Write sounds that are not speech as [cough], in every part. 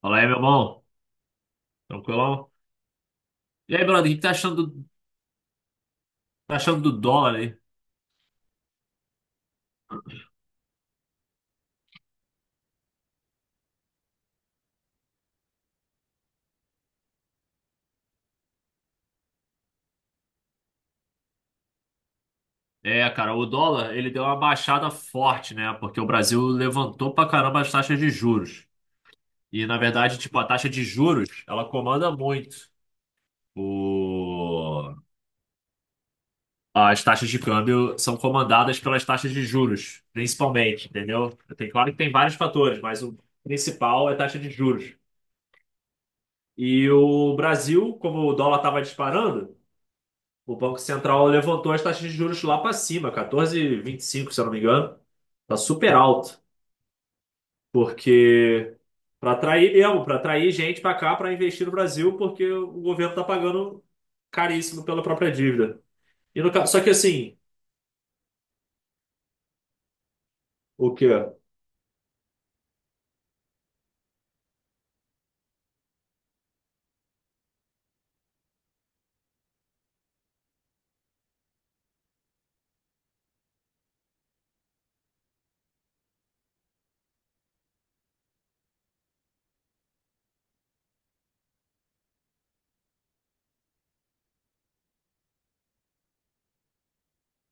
Fala aí, meu bom. Tranquilão? E aí, brother, o que que tá achando do dólar aí? É, cara, o dólar, ele deu uma baixada forte, né? Porque o Brasil levantou pra caramba as taxas de juros. E, na verdade, tipo, a taxa de juros, ela comanda muito. O... As taxas de câmbio são comandadas pelas taxas de juros, principalmente, entendeu? Claro que tem vários fatores, mas o principal é a taxa de juros. E o Brasil, como o dólar estava disparando, o Banco Central levantou as taxas de juros lá para cima, 14,25, se eu não me engano. Tá super alto, porque para atrair mesmo, para atrair gente para cá para investir no Brasil, porque o governo tá pagando caríssimo pela própria dívida. E no ca- Só que assim, o quê?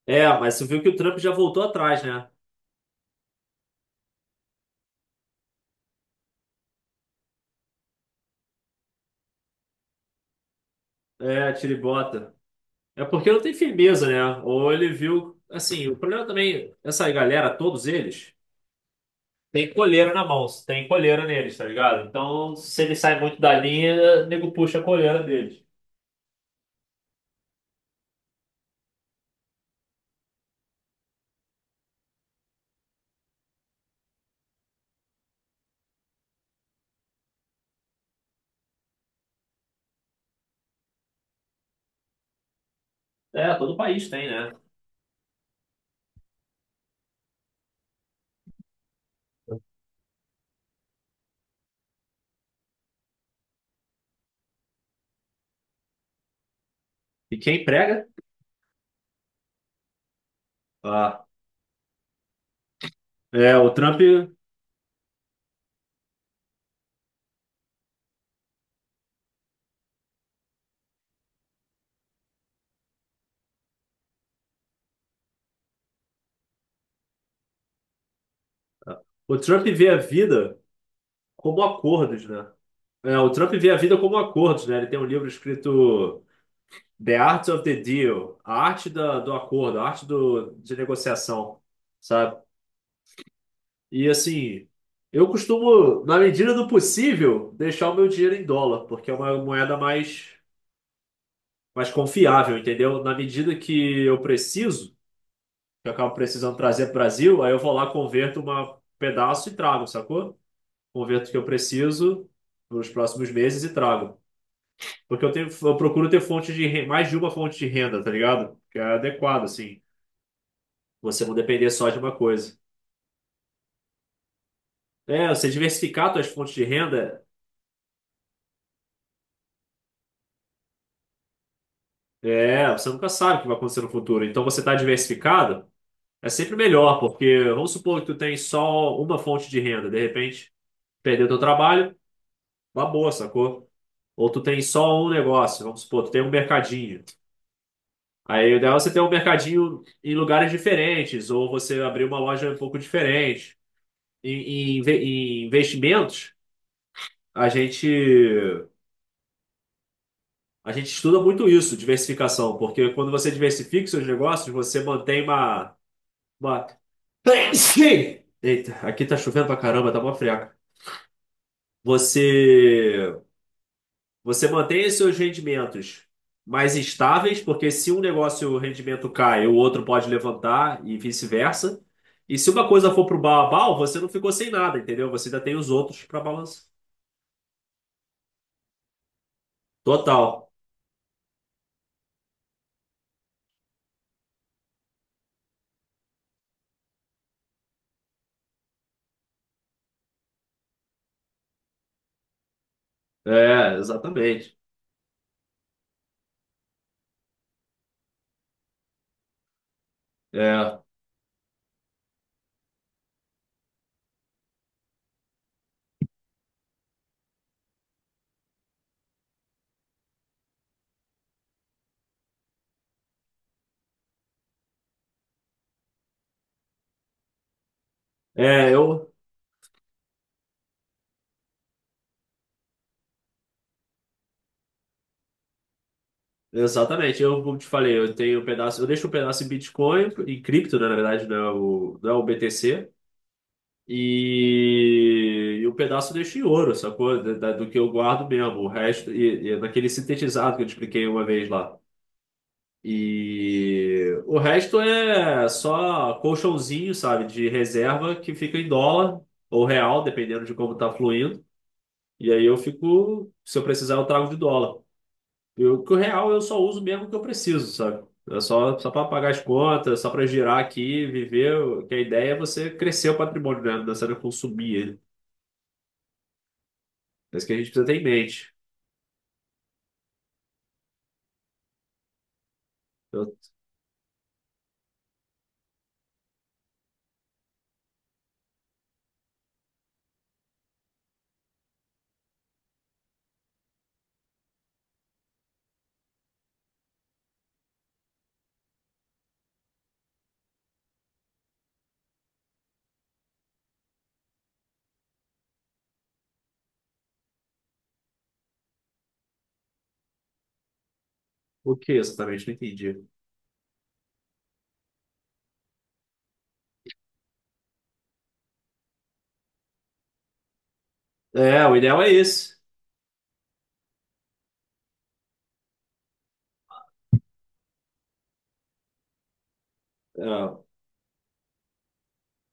É, mas você viu que o Trump já voltou atrás, né? É, tiribota. É porque não tem firmeza, né? Ou ele viu, assim, o problema também, essa galera, todos eles tem coleira na mão, tem coleira neles, tá ligado? Então, se ele sai muito da linha, o nego puxa a coleira deles. É, todo país tem, né? E quem prega? Ah. É, o Trump vê a vida como acordos, né? É, o Trump vê a vida como acordos, né? Ele tem um livro escrito The Art of the Deal, a arte da, do acordo, a arte do, de negociação, sabe? E assim, eu costumo, na medida do possível, deixar o meu dinheiro em dólar, porque é uma moeda mais confiável, entendeu? Na medida que eu preciso, que eu acabo precisando trazer para o Brasil, aí eu vou lá, converto um pedaço e trago, sacou? Converto o que eu preciso nos próximos meses e trago. Porque eu tenho, eu procuro ter mais de uma fonte de renda, tá ligado? Que é adequado, assim. Você não depender só de uma coisa. É, você diversificar suas fontes de renda, é, você nunca sabe o que vai acontecer no futuro. Então você tá diversificado, é sempre melhor, porque vamos supor que tu tem só uma fonte de renda, de repente perdeu teu trabalho. Uma boa, sacou? Ou tu tem só um negócio, vamos supor, tu tem um mercadinho. Aí o ideal é você ter um mercadinho em lugares diferentes, ou você abrir uma loja um pouco diferente. Em, Em investimentos, a gente, a gente estuda muito isso, diversificação, porque quando você diversifica seus negócios, você mantém uma. [coughs] Eita, aqui tá chovendo pra caramba, tá mó friaca. Você Você mantém os seus rendimentos mais estáveis, porque se um negócio o rendimento cai, o outro pode levantar e vice-versa. E se uma coisa for pro bal, você não ficou sem nada, entendeu? Você ainda tem os outros para balançar. Total. É, exatamente. É, é, eu Exatamente. Eu como te falei, eu tenho um pedaço, eu deixo um pedaço em Bitcoin, em cripto, né, na verdade, não é o BTC. E um pedaço eu deixo em ouro, sacou? Do que eu guardo mesmo. O resto, e naquele sintetizado que eu te expliquei uma vez lá. E o resto é só colchãozinho, sabe? De reserva que fica em dólar ou real, dependendo de como tá fluindo. E aí eu fico, se eu precisar, eu trago de dólar. Eu, que o real eu só uso mesmo o que eu preciso, sabe? É só, só para pagar as contas, só para girar aqui, viver. Que a ideia é você crescer o patrimônio, né? Não é só consumir ele. É isso que a gente precisa ter em mente. Eu- o que exatamente? Não entendi. É, o ideal é esse. É,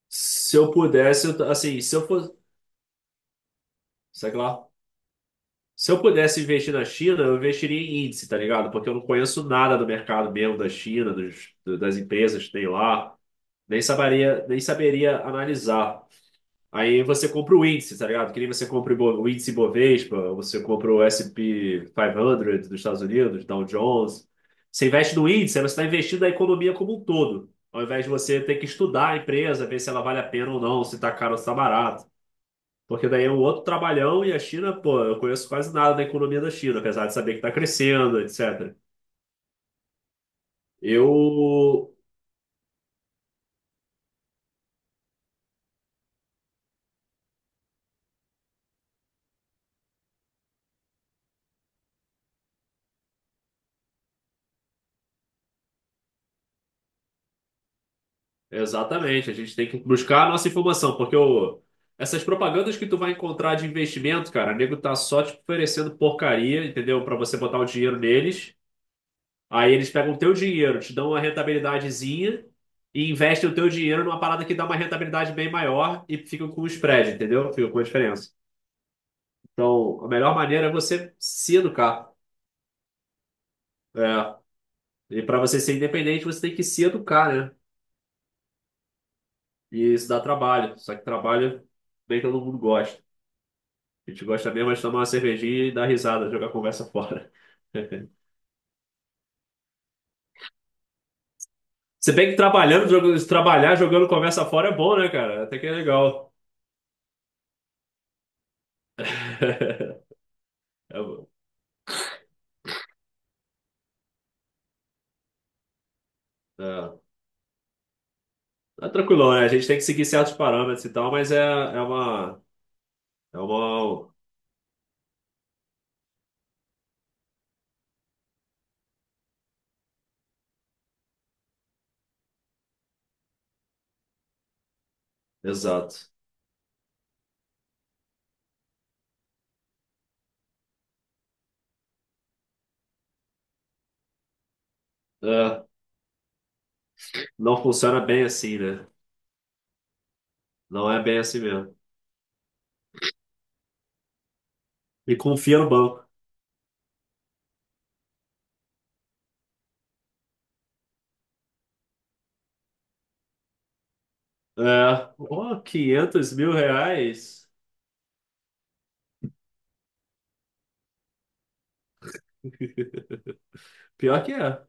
se eu pudesse, eu assim, se eu fosse. Sei lá. Se eu pudesse investir na China, eu investiria em índice, tá ligado? Porque eu não conheço nada do mercado mesmo da China, das empresas que tem lá. Nem saberia, nem saberia analisar. Aí você compra o índice, tá ligado? Que nem você compra o índice Bovespa, você compra o S&P 500 dos Estados Unidos, Dow Jones. Você investe no índice, aí você está investindo na economia como um todo, ao invés de você ter que estudar a empresa, ver se ela vale a pena ou não, se está caro ou se está barato. Porque daí é um outro trabalhão e a China, pô, eu conheço quase nada da economia da China, apesar de saber que está crescendo, etc. Eu Exatamente, a gente tem que buscar a nossa informação, porque o, essas propagandas que tu vai encontrar de investimento, cara, o nego tá só te oferecendo porcaria, entendeu? Pra você botar o dinheiro neles. Aí eles pegam o teu dinheiro, te dão uma rentabilidadezinha e investem o teu dinheiro numa parada que dá uma rentabilidade bem maior e ficam com o spread, entendeu? Ficam com a diferença. Então, a melhor maneira é você se educar. É. E para você ser independente, você tem que se educar, né? E isso dá trabalho. Só que trabalho nem todo mundo gosta. A gente gosta mesmo é de tomar uma cervejinha e dar risada, jogar conversa fora. [laughs] Se bem que trabalhando, trabalhar jogando conversa fora é bom, né, cara? Até que é legal. [laughs] É, bom. é, é tranquilão, né? A gente tem que seguir certos parâmetros e tal, mas é uma. Exato. É, não funciona bem assim, né? Não é bem assim mesmo. E confia no banco. É, oh, 500 mil reais? Pior que é.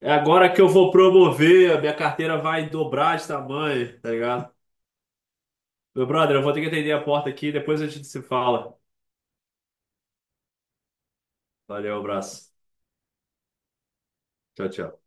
É agora que eu vou promover, a minha carteira vai dobrar de tamanho, tá ligado? Meu brother, eu vou ter que atender a porta aqui, depois a gente se fala. Valeu, abraço. Tchau, tchau.